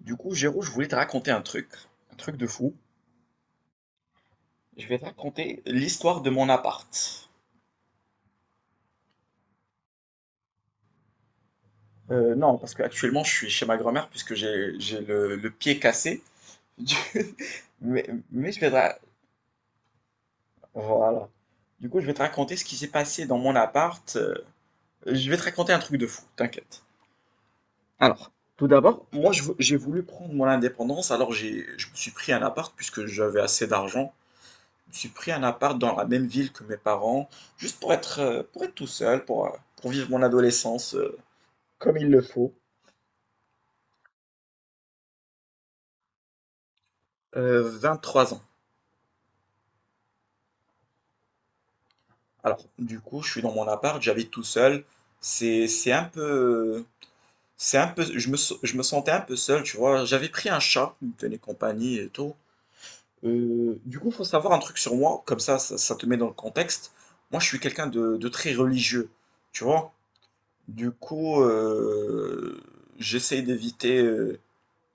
Du coup, Géraud, je voulais te raconter un truc de fou. Je vais te raconter l'histoire de mon appart. Non, parce qu'actuellement, je suis chez ma grand-mère puisque j'ai le pied cassé. Du- mais je vais te... ra- Voilà. Du coup, je vais te raconter ce qui s'est passé dans mon appart. Je vais te raconter un truc de fou, t'inquiète. Alors, tout d'abord, moi, j'ai voulu prendre mon indépendance, alors je me suis pris un appart puisque j'avais assez d'argent. J'ai pris un appart dans la même ville que mes parents, juste pour être tout seul, pour vivre mon adolescence, comme il le faut. 3 ans. Alors, du coup, je suis dans mon appart, j'habite tout seul. C'est un peu, je me sentais un peu seul, tu vois. J'avais pris un chat, il me tenait compagnie et tout. Du coup, faut savoir un truc sur moi, comme ça, ça te met dans le contexte. Moi, je suis quelqu'un de très religieux, tu vois. Du coup, j'essaye d'éviter.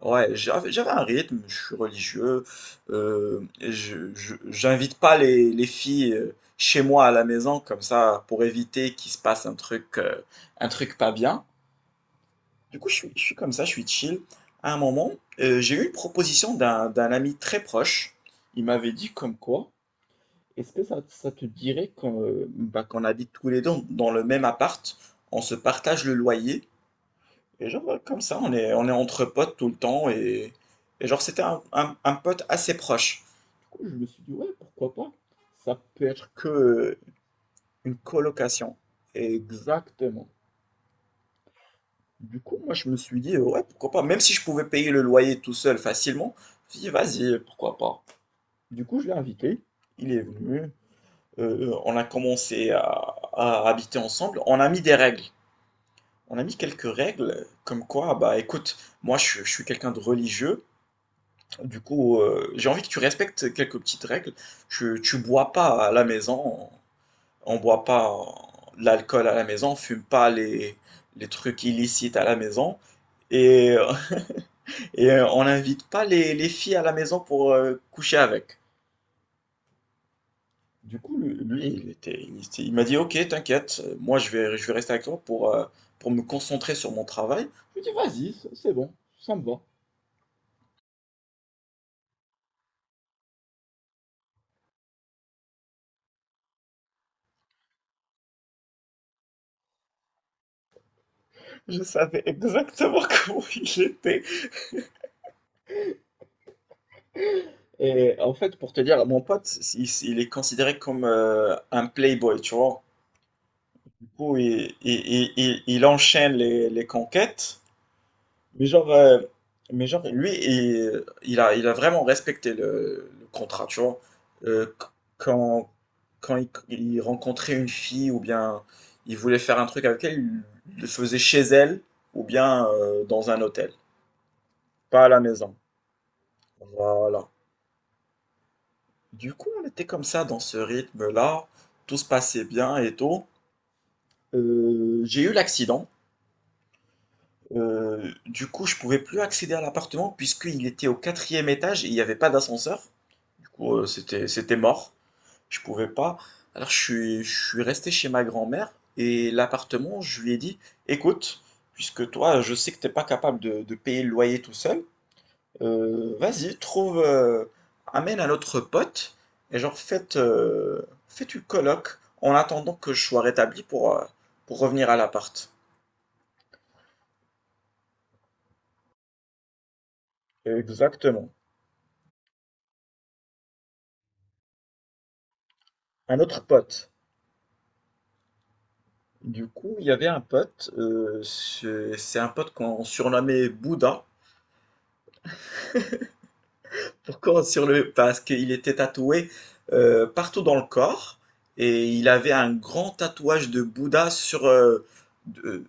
Ouais, j'avais un rythme, je suis religieux, j'invite pas les filles, chez moi à la maison comme ça pour éviter qu'il se passe un truc pas bien. Du coup, je suis comme ça, je suis chill. À un moment, j'ai eu une proposition d'un ami très proche. Il m'avait dit comme quoi, est-ce que ça te dirait qu'on habite tous les deux dans le même appart, on se partage le loyer, et genre, ouais, comme ça, on est entre potes tout le temps. Et genre, c'était un pote assez proche. Du coup, je me suis dit, ouais, pourquoi pas? Ça peut être que, une colocation. Exactement. Du coup, moi, je me suis dit, ouais, pourquoi pas? Même si je pouvais payer le loyer tout seul facilement, je me suis dit, vas-y, pourquoi pas? Du coup, je l'ai invité. Il est venu. On a commencé à habiter ensemble. On a mis des règles. On a mis quelques règles, comme quoi, bah écoute, moi je suis quelqu'un de religieux. Du coup, j'ai envie que tu respectes quelques petites règles. Tu bois pas à la maison, on boit pas, l'alcool à la maison, on fume pas les trucs illicites à la maison et on n'invite pas les filles à la maison pour, coucher avec. Du coup, lui, il m'a dit: «OK, t'inquiète, moi je vais rester avec toi pour me concentrer sur mon travail». Je lui ai dit: «Vas-y, c'est bon, ça me va». Je savais exactement comment il était. Et en fait, pour te dire, mon pote, il est considéré comme, un playboy, tu vois. Du coup, il enchaîne les conquêtes. Mais genre, euh, mais genre lui, il a vraiment respecté le contrat, tu vois. Euh, qu- quand quand il rencontrait une fille ou bien il voulait faire un truc avec elle, il le faisait chez elle ou bien, dans un hôtel, pas à la maison. Voilà. Du coup, on était comme ça dans ce rythme-là, tout se passait bien et tout. J'ai eu l'accident. Du coup, je pouvais plus accéder à l'appartement puisqu'il était au quatrième étage et il n'y avait pas d'ascenseur. Du coup, c'était mort. Je pouvais pas. Alors, je suis resté chez ma grand-mère et l'appartement, je lui ai dit, écoute, puisque toi, je sais que t'es pas capable de payer le loyer tout seul. Vas-y, trouve, amène un autre pote et genre faites, faites une colloque en attendant que je sois rétabli pour revenir à l'appart. Exactement. Un autre pote. Du coup, il y avait un pote, c'est un pote qu'on surnommait Bouddha. Pourquoi on surnommait? Parce qu'il était tatoué, partout dans le corps, et il avait un grand tatouage de Bouddha sur, de-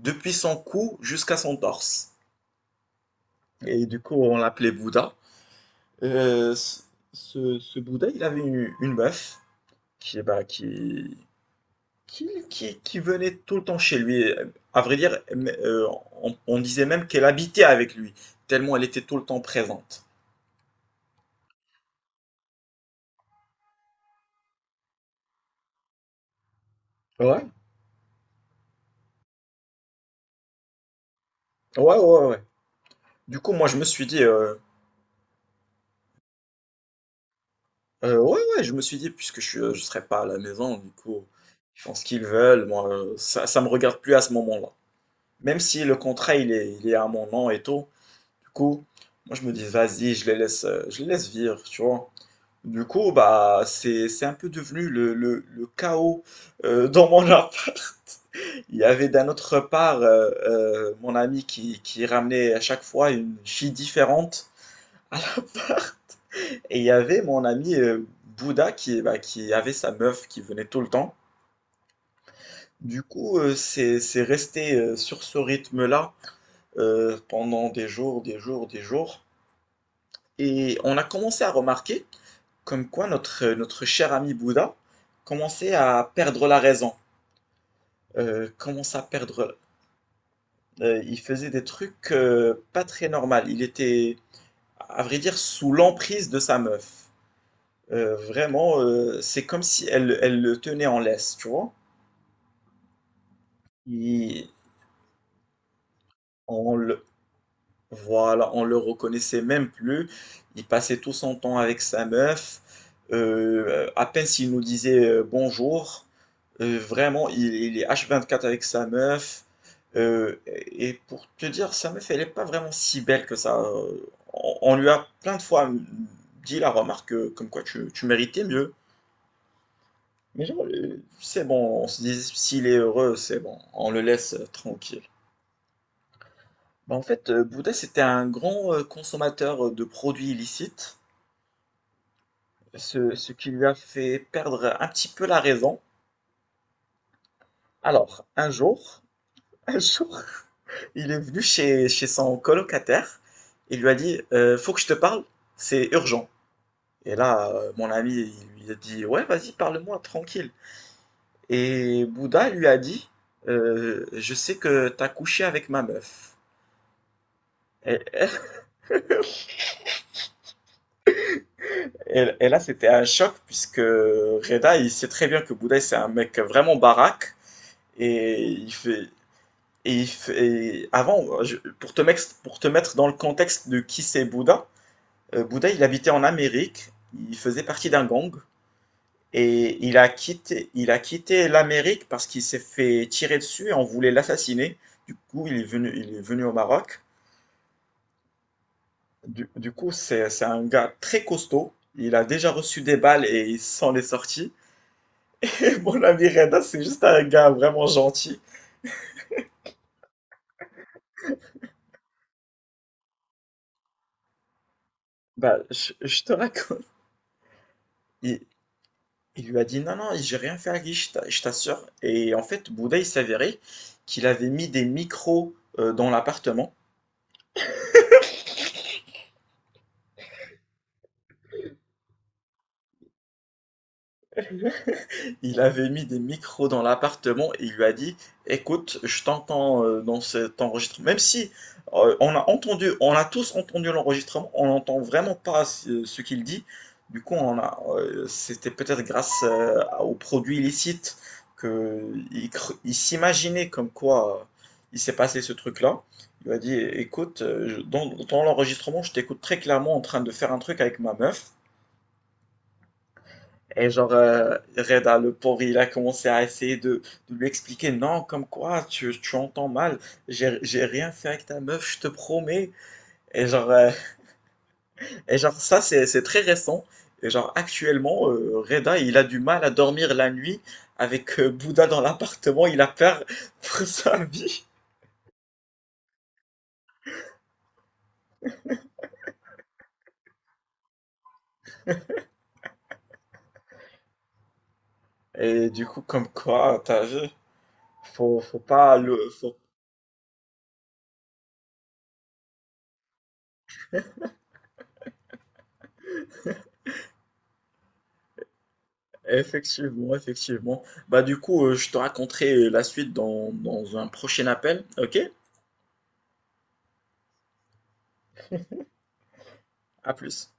depuis son cou jusqu'à son torse. Et du coup, on l'appelait Bouddha. Euh, ce, Bouddha, il avait une meuf qui, bah, qui venait tout le temps chez lui. À vrai dire, euh, on disait même qu'elle habitait avec lui, tellement elle était tout le temps présente. Ouais, ouais, ouais, ouais. Du coup, moi, je me suis dit, ouais, ouais, je me suis dit, puisque je ne serai pas à la maison, du coup, ils font ce qu'ils veulent, moi, ça me regarde plus à ce moment-là. Même si le contrat, il est à mon nom et tout. Du coup, moi je me dis, vas-y, je les laisse vivre, tu vois. Du coup, bah, c'est un peu devenu le chaos, dans mon appart. Il y avait d'un autre part, mon ami qui ramenait à chaque fois une fille différente à l'appart. Et il y avait mon ami, Bouddha, qui avait sa meuf qui venait tout le temps. Du coup, c'est resté, sur ce rythme-là, pendant des jours, des jours, des jours. Et on a commencé à remarquer comme quoi notre cher ami Bouddha commençait à perdre la raison. Commençait à perdre. Il faisait des trucs, pas très normaux. Il était, à vrai dire, sous l'emprise de sa meuf. Vraiment, c'est comme si elle, elle le tenait en laisse, tu vois. Il- on, Voilà, on le reconnaissait même plus. Il passait tout son temps avec sa meuf. À peine s'il nous disait, bonjour, vraiment, il est h 24 avec sa meuf. Et pour te dire, sa meuf, elle n'est pas vraiment si belle que ça. On lui a plein de fois dit la remarque que, comme quoi tu méritais mieux. Mais genre, c'est bon, on se dit, s'il est heureux, c'est bon, on le laisse, tranquille. Bah, en fait, Bouddha, c'était un grand, consommateur, de produits illicites, ce qui lui a fait perdre un petit peu la raison. Alors, un jour, un jour, il est venu chez, son colocataire, il lui a dit, faut que je te parle, c'est urgent. Et là, mon ami, il lui a dit, ouais, vas-y, parle-moi, tranquille. Et Bouddha lui a dit, je sais que t'as couché avec ma meuf. Et- et là, c'était un choc puisque Reda, il sait très bien que Bouddha, c'est un mec vraiment baraque. Et il fait. Et, il fait- et avant, pour te mettre dans le contexte de qui c'est Bouddha, il habitait en Amérique, il faisait partie d'un gang, et il a quitté l'Amérique parce qu'il s'est fait tirer dessus et on voulait l'assassiner. Du coup, il est venu au Maroc. Du coup, c'est un gars très costaud, il a déjà reçu des balles et il s'en est sorti. Mon ami Reda, c'est juste un gars vraiment gentil. Bah, je te raconte. Il, il lui a dit non, non, j'ai rien fait à Guy, je t'assure. Et en fait, Bouddha, il s'avérait qu'il avait mis des micros, dans l'appartement. Il avait mis des micros dans l'appartement et il lui a dit, écoute, je t'entends, dans cet enregistrement. Même si, on a entendu, on a tous entendu l'enregistrement, on n'entend vraiment pas ce qu'il dit. Du coup, c'était peut-être grâce, aux produits illicites qu'il il s'imaginait comme quoi, il s'est passé ce truc-là. Il lui a dit, écoute, dans, l'enregistrement, je t'écoute très clairement en train de faire un truc avec ma meuf. Et genre, Red le pauvre, il a commencé à essayer de lui expliquer, non, comme quoi, tu entends mal, j'ai rien fait avec ta meuf, je te promets. Et genre, euh, et genre ça, c'est très récent. Et genre, actuellement, Reda, il a du mal à dormir la nuit avec, Bouddha dans l'appartement, il a peur pour sa vie. Et du coup, comme quoi, t'as vu, faut pas le... Faut... Effectivement, effectivement. Bah du coup, je te raconterai la suite dans, un prochain appel, ok? À plus.